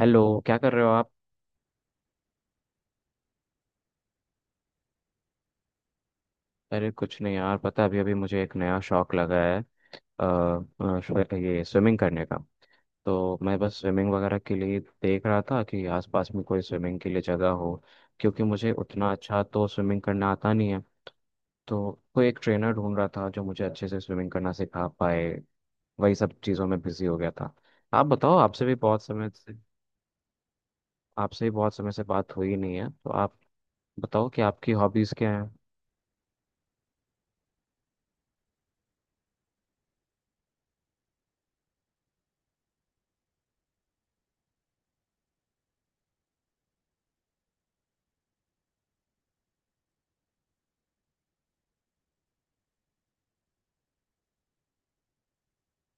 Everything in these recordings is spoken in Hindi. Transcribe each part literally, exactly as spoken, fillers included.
हेलो। क्या कर रहे हो आप? अरे कुछ नहीं यार, पता है, अभी अभी मुझे एक नया शौक लगा है। अ, अ, स्व- ये स्विमिंग करने का। तो मैं बस स्विमिंग वगैरह के लिए देख रहा था कि आसपास में कोई स्विमिंग के लिए जगह हो, क्योंकि मुझे उतना अच्छा तो स्विमिंग करना आता नहीं है। तो कोई एक ट्रेनर ढूंढ रहा था जो मुझे अच्छे से स्विमिंग करना सिखा पाए। वही सब चीज़ों में बिजी हो गया था। आप बताओ, आपसे भी बहुत समय से आपसे भी बहुत समय से बात हुई नहीं है, तो आप बताओ कि आपकी हॉबीज़ क्या।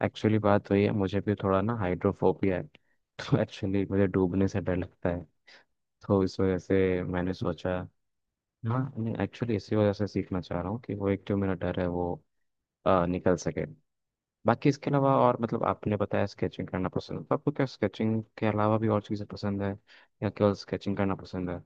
एक्चुअली बात वही है, मुझे भी थोड़ा ना हाइड्रोफोबिया है, तो एक्चुअली मुझे डूबने से डर लगता है। तो इस वजह से मैंने सोचा, हाँ नहीं एक्चुअली इसी वजह से सीखना चाह रहा हूँ कि वो एक जो मेरा डर है वो अ, निकल सके। बाकी इसके अलावा और मतलब आपने बताया स्केचिंग करना पसंद है, तो आपको क्या स्केचिंग के अलावा भी और चीज़ें पसंद है या केवल स्केचिंग करना पसंद है?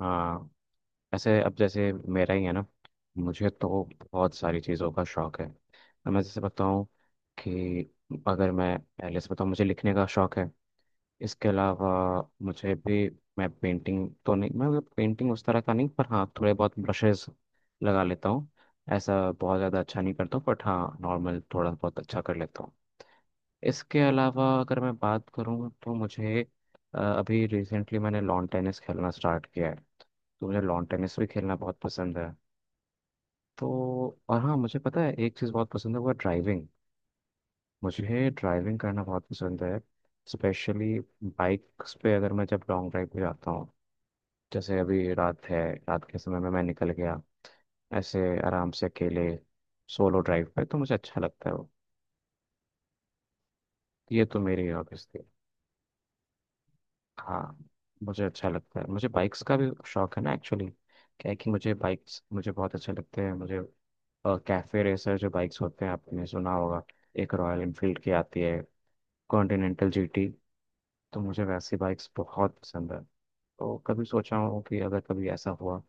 हाँ, ऐसे अब जैसे मेरा ही है ना, मुझे तो बहुत सारी चीज़ों का शौक है। अब मैं जैसे बताऊँ कि अगर मैं पहले से बताऊँ, मुझे लिखने का शौक है। इसके अलावा मुझे भी मैं पेंटिंग तो नहीं, मैं मतलब पेंटिंग उस तरह का नहीं, पर हाँ थोड़े बहुत ब्रशेस लगा लेता हूँ। ऐसा बहुत ज़्यादा अच्छा नहीं करता हूँ, बट हाँ नॉर्मल थोड़ा बहुत अच्छा कर लेता हूँ। इसके अलावा अगर मैं बात करूँ तो मुझे अ, अभी रिसेंटली मैंने लॉन टेनिस खेलना स्टार्ट किया है। तो मुझे लॉन टेनिस भी खेलना बहुत पसंद है। तो और हाँ, मुझे पता है एक चीज़ बहुत पसंद है, वो है ड्राइविंग। मुझे ड्राइविंग करना बहुत पसंद है। स्पेशली बाइक्स पे अगर मैं, जब लॉन्ग ड्राइव पे जाता हूँ, जैसे अभी रात है, रात के समय में मैं निकल गया ऐसे आराम से अकेले सोलो ड्राइव पे, तो मुझे अच्छा लगता है वो। ये तो मेरी हॉबीज थी। हाँ, मुझे अच्छा लगता है, मुझे बाइक्स का भी शौक है ना एक्चुअली। क्या है कि मुझे बाइक्स, मुझे बहुत अच्छे लगते हैं। मुझे कैफे रेसर जो बाइक्स होते हैं, आपने सुना होगा, एक रॉयल एनफील्ड की आती है, कॉन्टिनेंटल जीटी, तो मुझे वैसी बाइक्स बहुत पसंद है। तो कभी सोचा हूँ कि अगर कभी ऐसा हुआ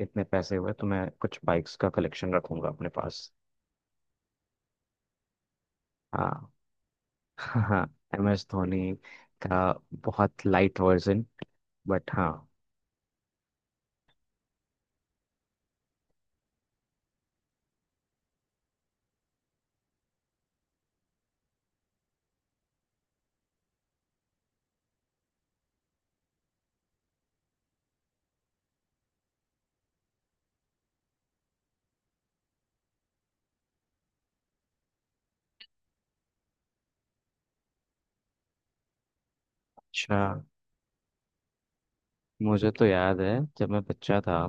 इतने पैसे हुए तो मैं कुछ बाइक्स का कलेक्शन रखूंगा अपने पास। हाँ। हाँ, एम एस धोनी का बहुत लाइट वर्जन, बट हाँ। अच्छा, मुझे तो याद है जब मैं बच्चा था,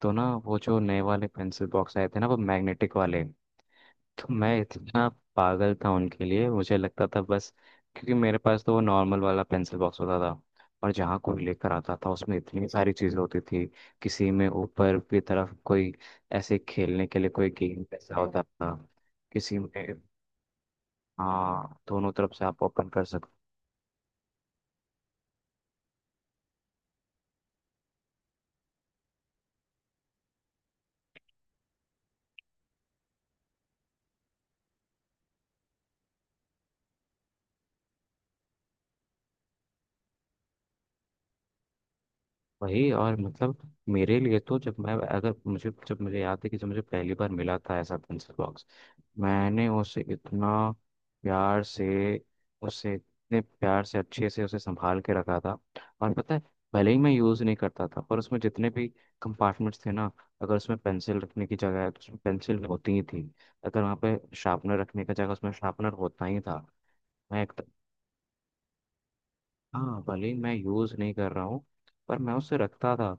तो ना वो जो नए वाले पेंसिल बॉक्स आए थे ना, वो मैग्नेटिक वाले, तो मैं इतना पागल था उनके लिए, मुझे लगता था बस, क्योंकि मेरे पास तो वो नॉर्मल वाला पेंसिल बॉक्स होता था, और जहाँ कोई लेकर आता था उसमें इतनी सारी चीज़ें होती थी। किसी में ऊपर की तरफ कोई ऐसे खेलने के लिए कोई गेम ऐसा होता था, किसी में, हाँ दोनों तरफ से आप ओपन कर सकते। वही, और मतलब मेरे लिए तो जब मैं, अगर मुझे, जब मुझे याद है कि जब मुझे पहली बार मिला था ऐसा पेंसिल बॉक्स, मैंने उसे इतना प्यार से, उसे इतने प्यार से अच्छे से उसे संभाल के रखा था। और पता है, भले ही मैं यूज़ नहीं करता था, पर उसमें जितने भी कंपार्टमेंट्स थे ना, अगर उसमें पेंसिल रखने की जगह है तो उसमें पेंसिल होती ही थी, अगर वहाँ पे शार्पनर रखने का जगह, उसमें शार्पनर होता ही था। मैं, हाँ भले ही मैं यूज़ नहीं कर रहा हूँ, पर मैं उसे रखता था।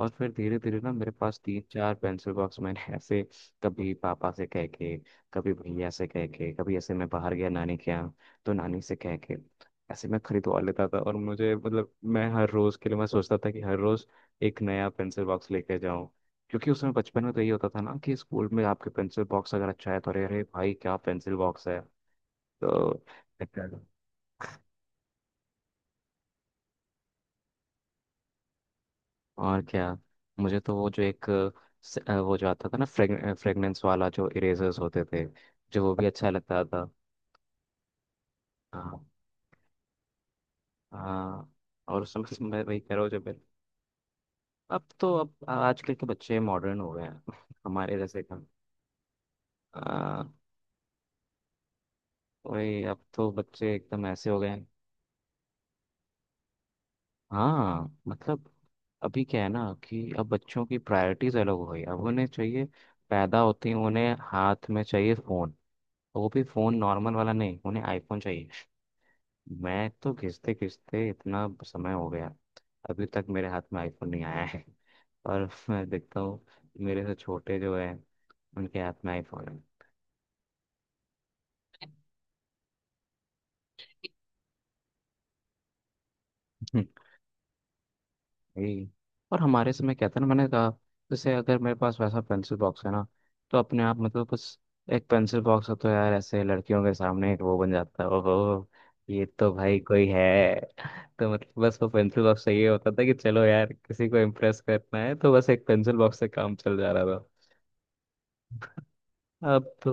और फिर धीरे धीरे ना मेरे पास तीन चार पेंसिल बॉक्स मैंने ऐसे कभी पापा से कह के, कभी भैया से कह के, कभी ऐसे मैं बाहर गया नानी के यहाँ तो नानी से कह के, ऐसे मैं खरीदवा लेता था। और मुझे मतलब मैं हर रोज़ के लिए मैं सोचता था कि हर रोज़ एक नया पेंसिल बॉक्स लेके जाऊँ, क्योंकि उसमें बचपन में तो ये होता था ना कि स्कूल में आपके पेंसिल बॉक्स अगर अच्छा है तो अरे अरे भाई क्या पेंसिल बॉक्स है। तो और क्या, मुझे तो वो जो एक अ, स- अ, वो जो आता था ना फ्रेग, फ्रेगनेंस वाला जो इरेजर्स होते थे, जो वो भी अच्छा लगता था। हाँ हाँ। और उस समय से मैं वही कह रहा हूँ जब, अब तो अब आजकल के बच्चे मॉडर्न हो गए हैं हमारे जैसे कम। आ, वही अब तो बच्चे एकदम ऐसे हो गए हैं। हाँ मतलब अभी क्या है ना कि अब बच्चों की प्रायोरिटीज अलग हो गई, अब उन्हें चाहिए, पैदा होते ही उन्हें हाथ में चाहिए फोन, वो भी फोन नॉर्मल वाला नहीं, उन्हें आईफोन चाहिए। मैं तो खींचते खींचते इतना समय हो गया, अभी तक मेरे हाथ में आईफोन नहीं आया है और मैं देखता हूँ मेरे से छोटे जो है उनके हाथ में आईफोन है। हम्म। यही। और हमारे समय क्या था ना, मैंने कहा जैसे अगर मेरे पास वैसा पेंसिल बॉक्स है ना, तो अपने आप मतलब कुछ, एक पेंसिल बॉक्स हो तो यार ऐसे लड़कियों के सामने एक वो बन जाता है, ओहो ये तो भाई कोई है। तो मतलब बस वो पेंसिल बॉक्स से ये होता था कि चलो यार किसी को इम्प्रेस करना है तो बस एक पेंसिल बॉक्स से काम चल जा रहा था। अब तो,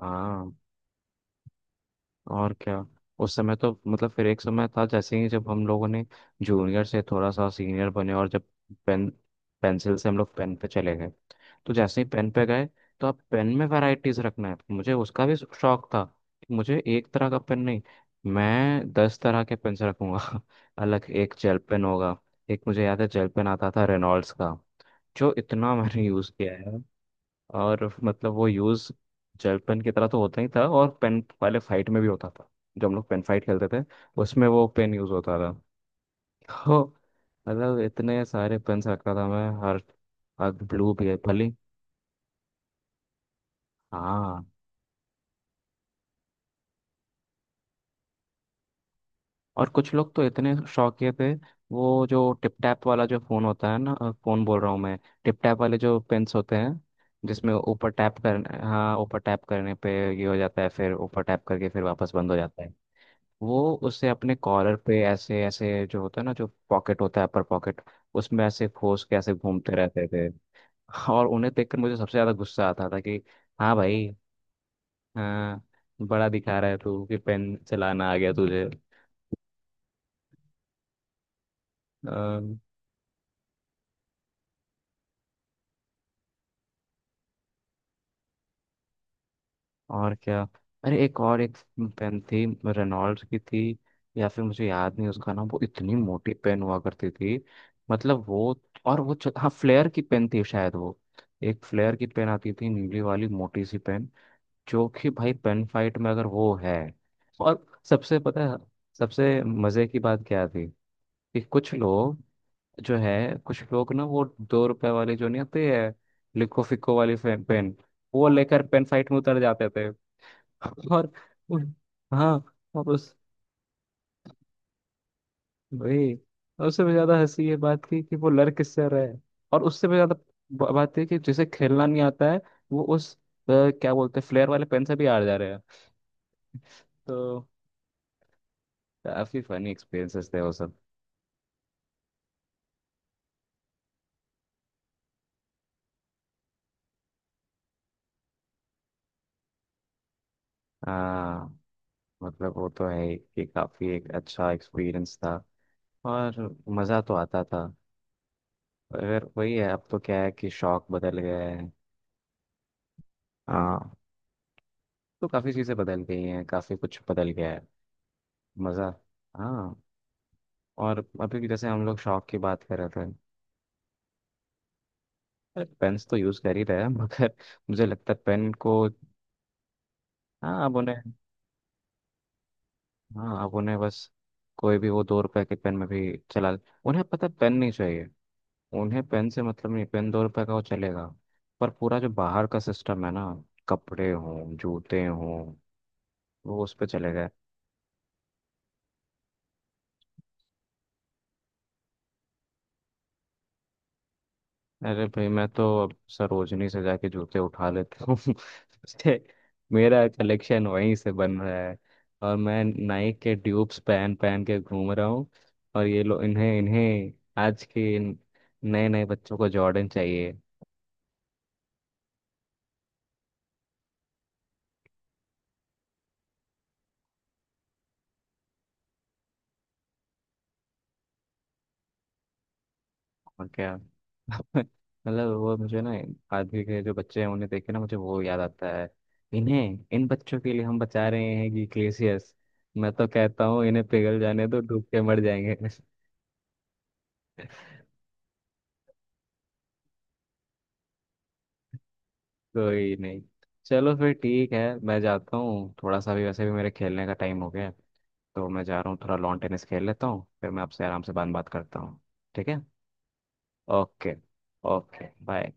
हाँ और क्या, उस समय तो मतलब फिर एक समय था, जैसे ही जब हम लोगों ने जूनियर से थोड़ा सा सीनियर बने और जब पेन, पेंसिल से हम लोग पेन पे चले गए, तो जैसे ही पेन पे गए, तो अब पेन में वैरायटीज रखना है, मुझे उसका भी शौक था कि मुझे एक तरह का पेन नहीं, मैं दस तरह के पेन रखूंगा अलग एक जेल पेन होगा। एक मुझे याद है जेल पेन आता था रेनॉल्ड्स का, जो इतना मैंने यूज किया है। और मतलब वो यूज़ जेल पेन की तरह तो होता ही था, और पेन पहले फाइट में भी होता था, जब हम लोग पेन फाइट खेलते थे उसमें वो पेन यूज़ होता था। तो मतलब इतने सारे पेन्स रखता था मैं, हर हर ब्लू भी है भले। हाँ, और कुछ लोग तो इतने शौकिया थे, वो जो टिप टैप वाला जो फ़ोन होता है ना, फ़ोन बोल रहा हूँ मैं, टिप टैप वाले जो पेन्स होते हैं, जिसमें ऊपर टैप करने, हाँ ऊपर टैप करने पे ये हो जाता है, फिर ऊपर टैप करके फिर वापस बंद हो जाता है, वो उसे अपने कॉलर पे ऐसे, ऐसे जो होता है ना जो पॉकेट होता है अपर पॉकेट, उसमें ऐसे खोस के ऐसे घूमते रहते थे। और उन्हें देखकर मुझे सबसे ज्यादा गुस्सा आता था कि, हाँ भाई, हाँ, बड़ा दिखा रहा है तू कि पेन चलाना आ गया तुझे। अम, और क्या, अरे एक और एक पेन थी रेनॉल्ड्स की थी, या फिर मुझे याद नहीं उसका नाम, वो इतनी मोटी पेन हुआ करती थी। मतलब वो, और वो चल- हाँ फ्लेयर की पेन थी शायद वो। एक फ्लेयर की पेन आती थी नीली वाली मोटी सी पेन, जो कि भाई पेन फाइट में अगर वो है और, सबसे पता है, सबसे मज़े की बात क्या थी कि कुछ लोग जो है, कुछ लोग ना वो दो रुपए वाली जो नहीं आती है, लिको फिको वाली पेन, वो लेकर पेन फाइट में उतर जाते थे और उस- हाँ, और उस, भाई, और उससे भी ज्यादा हंसी ये बात थी कि वो लड़ किससे रहे, और उससे भी ज्यादा ब- बात थी कि जिसे खेलना नहीं आता है वो उस, अ, क्या बोलते हैं फ्लेयर वाले पेन से भी हार जा रहे हैं। तो काफी फनी एक्सपीरियंसेस थे वो सब। हाँ मतलब वो तो है ही कि काफी एक अच्छा एक्सपीरियंस था, और मज़ा तो आता था, अगर वही है, अब तो क्या है कि शौक बदल गया है। हाँ, तो काफी चीज़ें बदल गई हैं, काफी कुछ बदल गया है। मज़ा, हाँ। और अभी भी जैसे हम लोग शौक की बात कर रहे थे, अरे पेन्स तो यूज़ कर ही रहे हैं मगर मुझे लगता है पेन को, हाँ अब उन्हें हाँ अब उन्हें बस कोई भी वो दो रुपए के पेन में भी चला, उन्हें पता पेन नहीं चाहिए, उन्हें पेन से मतलब नहीं, पेन दो रुपए का वो चलेगा, पर पूरा जो बाहर का सिस्टम है ना, कपड़े हों, जूते हों, वो उस पे चले गए। अरे भाई, मैं तो अब सरोजनी से जाके जूते उठा लेता हूँ उससे मेरा कलेक्शन वहीं से बन रहा है, और मैं नाइक के ट्यूब्स पहन पहन के घूम रहा हूँ। और ये लोग, इन्हें इन्हें आज के इन- नए नए बच्चों को जॉर्डन चाहिए। और क्या मतलब वो मुझे ना, आजकल के जो बच्चे हैं उन्हें देख के ना मुझे वो याद आता है, इन्हें, इन बच्चों के लिए हम बचा रहे हैं कि ग्लेशियर्स, मैं तो कहता हूँ इन्हें पिघल जाने दो, डूब के मर जाएंगे कोई नहीं, चलो फिर ठीक है, मैं जाता हूँ थोड़ा सा, भी वैसे भी मेरे खेलने का टाइम हो गया है, तो मैं जा रहा हूँ थोड़ा लॉन टेनिस खेल लेता हूँ, फिर मैं आपसे आराम से बात बात करता हूँ। ठीक है। Okay, okay bye.